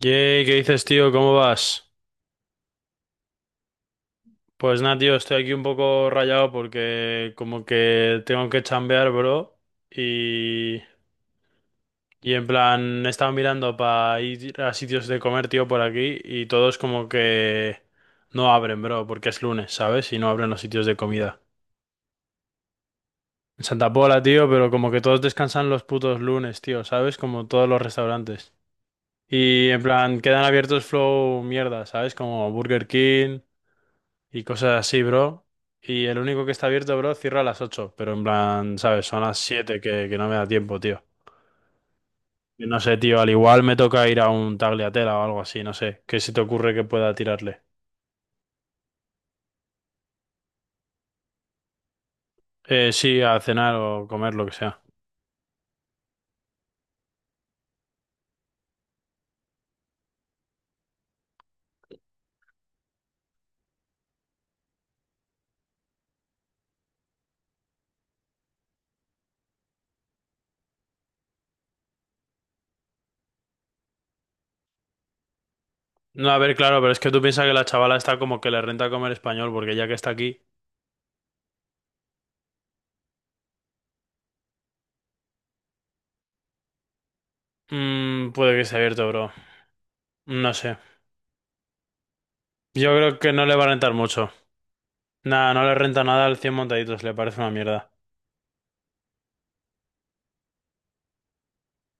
Yay, ¿qué dices, tío? ¿Cómo vas? Pues nada, tío, estoy aquí un poco rayado porque como que tengo que chambear, bro. Y, y en plan, he estado mirando para ir a sitios de comer, tío, por aquí y todos como que no abren, bro, porque es lunes, ¿sabes? Y no abren los sitios de comida. En Santa Pola, tío, pero como que todos descansan los putos lunes, tío, ¿sabes? Como todos los restaurantes. Y en plan, quedan abiertos flow mierda, ¿sabes? Como Burger King. Y cosas así, bro. Y el único que está abierto, bro, cierra a las 8 pero en plan, ¿sabes? Son las 7 que no me da tiempo, tío. Y no sé, tío, al igual me toca ir a un tagliatela o algo así, no sé. ¿Qué se te ocurre que pueda tirarle? Sí, a cenar o comer, lo que sea. No, a ver, claro, pero es que tú piensas que la chavala está como que le renta comer español, porque ya que está aquí, puede que esté abierto, bro. No sé. Yo creo que no le va a rentar mucho. Nada, no le renta nada al 100 montaditos, le parece una mierda.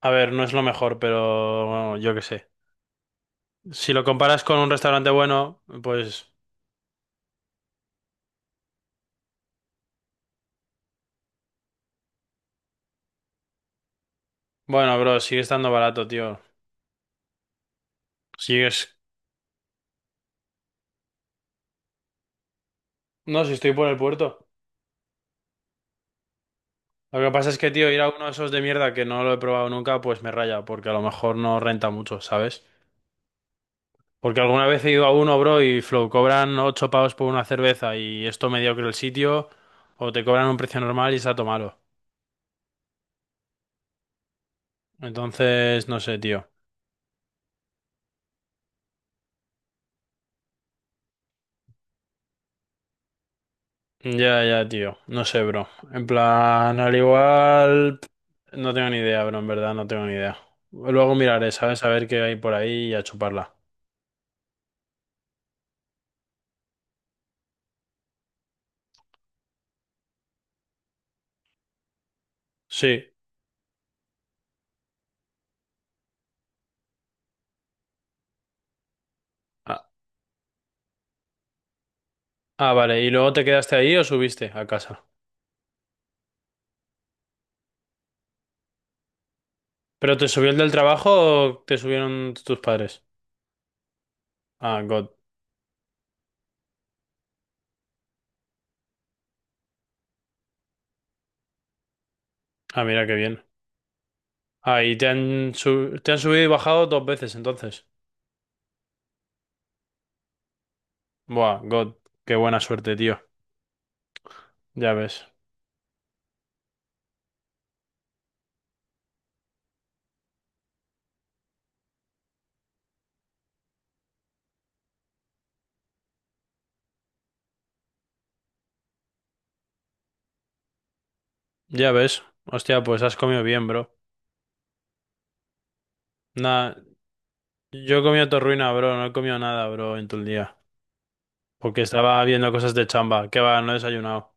A ver, no es lo mejor, pero bueno, yo qué sé. Si lo comparas con un restaurante bueno, pues bueno, bro, sigue estando barato, tío. Sigues. No, si estoy por el puerto. Lo que pasa es que, tío, ir a uno de esos de mierda que no lo he probado nunca, pues me raya, porque a lo mejor no renta mucho, ¿sabes? Porque alguna vez he ido a uno, bro, y flow, cobran 8 pavos por una cerveza y esto mediocre el sitio, o te cobran un precio normal y está todo malo. Entonces, no sé, tío. Ya, ya, tío. No sé, bro. En plan, al igual... No tengo ni idea, bro. En verdad, no tengo ni idea. Luego miraré, ¿sabes? A ver qué hay por ahí y a chuparla. Sí. Ah, ah, vale. ¿Y luego te quedaste ahí o subiste a casa? ¿Pero te subió el del trabajo o te subieron tus padres? Ah, God. Ah, mira qué bien. Ah, y te han, te han subido y bajado dos veces entonces. Buah, God. Qué buena suerte, tío. Ya ves. Ya ves. Hostia, pues has comido bien, bro. Nada, yo he comido torruina, bro. No he comido nada, bro, en todo el día. Porque estaba viendo cosas de chamba. Que va, no he desayunado.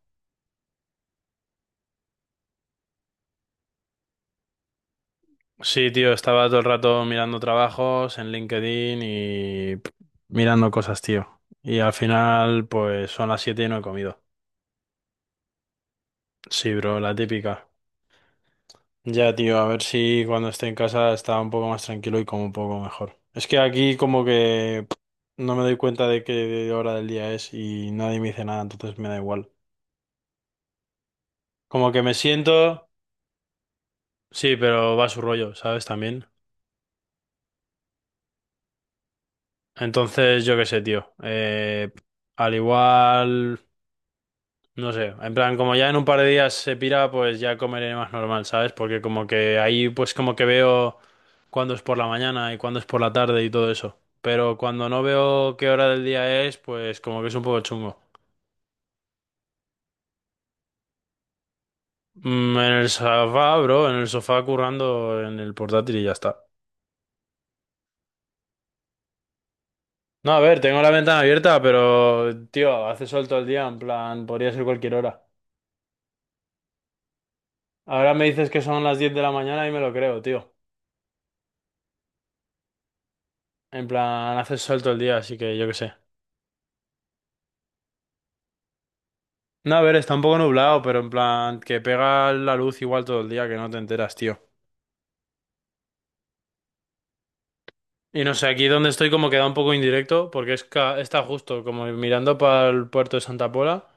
Sí, tío, estaba todo el rato mirando trabajos en LinkedIn y pff, mirando cosas, tío. Y al final, pues son las 7 y no he comido. Sí, bro, la típica. Ya, tío, a ver si cuando esté en casa está un poco más tranquilo y como un poco mejor. Es que aquí como que pff, no me doy cuenta de qué hora del día es y nadie me dice nada, entonces me da igual. Como que me siento... Sí, pero va a su rollo, ¿sabes? También. Entonces, yo qué sé, tío. Al igual, no sé. En plan, como ya en un par de días se pira, pues ya comeré más normal, ¿sabes? Porque como que ahí, pues como que veo cuándo es por la mañana y cuándo es por la tarde y todo eso. Pero cuando no veo qué hora del día es, pues como que es un poco chungo. En el sofá, bro, en el sofá currando en el portátil y ya está. No, a ver, tengo la ventana abierta, pero, tío, hace sol todo el día, en plan, podría ser cualquier hora. Ahora me dices que son las 10 de la mañana y me lo creo, tío. En plan, hace sol todo el día, así que yo qué sé. No, a ver, está un poco nublado, pero en plan, que pega la luz igual todo el día, que no te enteras, tío. Y no sé, aquí donde estoy como queda un poco indirecto, porque está justo como mirando para el puerto de Santa Pola,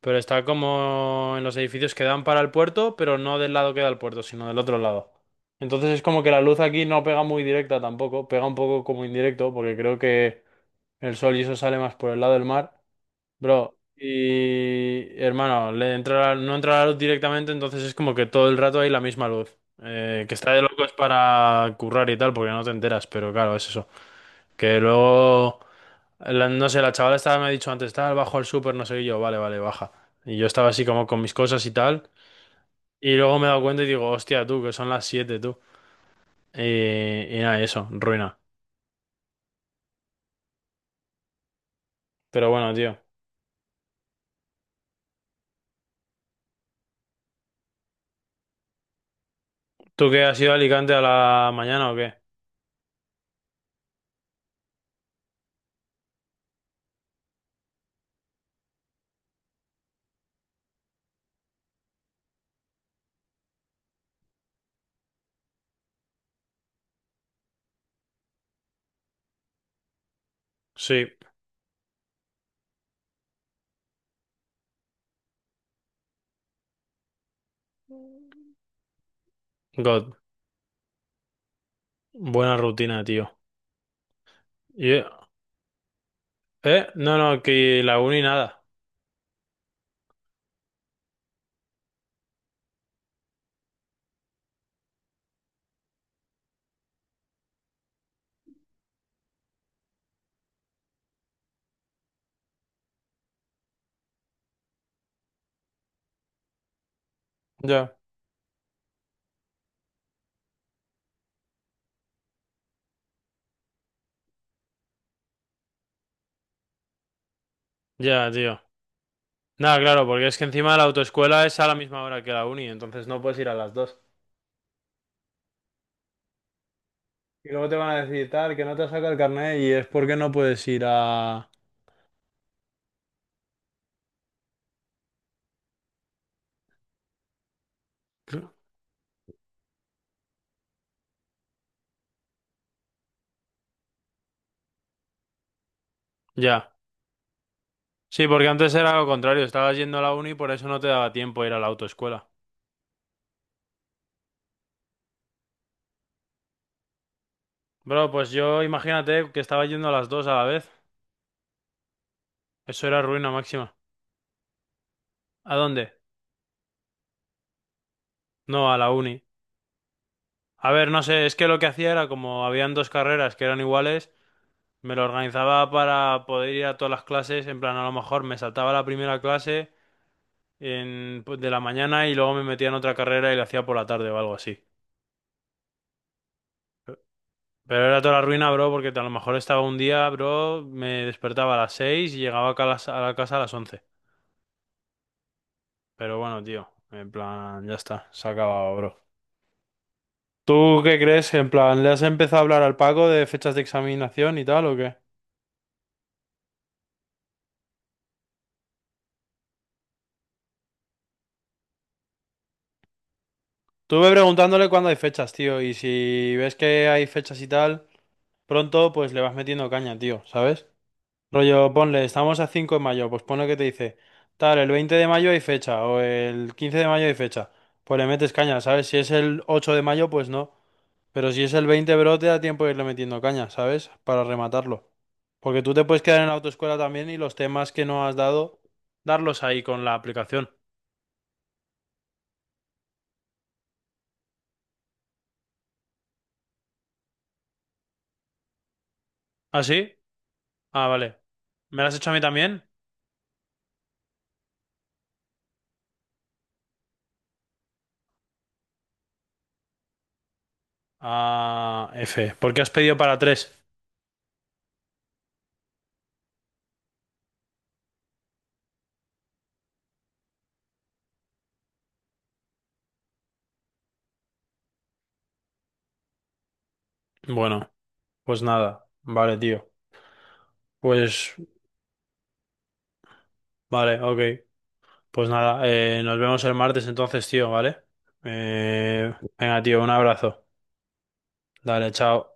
pero está como en los edificios que dan para el puerto, pero no del lado que da el puerto, sino del otro lado. Entonces es como que la luz aquí no pega muy directa tampoco, pega un poco como indirecto, porque creo que el sol y eso sale más por el lado del mar. Bro, y hermano, no entra la luz directamente, entonces es como que todo el rato hay la misma luz. Que está de locos para currar y tal, porque no te enteras, pero claro, es eso. Que luego, no sé, la chavala estaba, me ha dicho antes, tal, bajo al súper, no sé, qué", y yo, vale, vale, baja. Y yo estaba así como con mis cosas y tal. Y luego me he dado cuenta y digo, hostia, tú, que son las 7 tú. Y, y nada, y eso, ruina. Pero bueno, tío. ¿Tú qué has ido a Alicante a la mañana o qué? Sí, God, buena rutina, tío. Y- ¿Eh? No, no, que la uni nada. Ya, ya, tío. Nada, claro, porque es que encima la autoescuela es a la misma hora que la uni, entonces no puedes ir a las dos. Y luego te van a decir tal, que no te saca el carnet y es porque no puedes ir a... Ya. Sí, porque antes era lo contrario, estabas yendo a la uni y por eso no te daba tiempo a ir a la autoescuela. Bro, pues yo imagínate que estaba yendo a las dos a la vez. Eso era ruina máxima. ¿A dónde? No, a la uni. A ver, no sé, es que lo que hacía era como habían dos carreras que eran iguales. Me lo organizaba para poder ir a todas las clases, en plan, a lo mejor me saltaba la primera clase en, pues, de la mañana y luego me metía en otra carrera y la hacía por la tarde o algo así. Pero era toda la ruina, bro, porque a lo mejor estaba un día, bro, me despertaba a las 6 y llegaba acá a la casa a las 11. Pero bueno, tío, en plan, ya está, se ha acabado, bro. ¿Tú qué crees? En plan, ¿le has empezado a hablar al Paco de fechas de examinación y tal o qué? Estuve preguntándole cuándo hay fechas, tío, y si ves que hay fechas y tal... Pronto pues le vas metiendo caña, tío, ¿sabes? Rollo, ponle, estamos a 5 de mayo, pues ponle que te dice, tal, el 20 de mayo hay fecha, o el 15 de mayo hay fecha, pues le metes caña, ¿sabes? Si es el 8 de mayo, pues no, pero si es el 20 bro, te da tiempo de irle metiendo caña, ¿sabes? Para rematarlo. Porque tú te puedes quedar en la autoescuela también y los temas que no has dado, darlos ahí con la aplicación. ¿Ah, sí? Ah, vale. ¿Me lo has hecho a mí también? Ah, F. ¿Por qué has pedido para tres? Bueno, pues nada. Vale, tío. Pues, vale, ok. Pues nada, nos vemos el martes entonces, tío, ¿vale? Venga, tío, un abrazo. Dale, chao.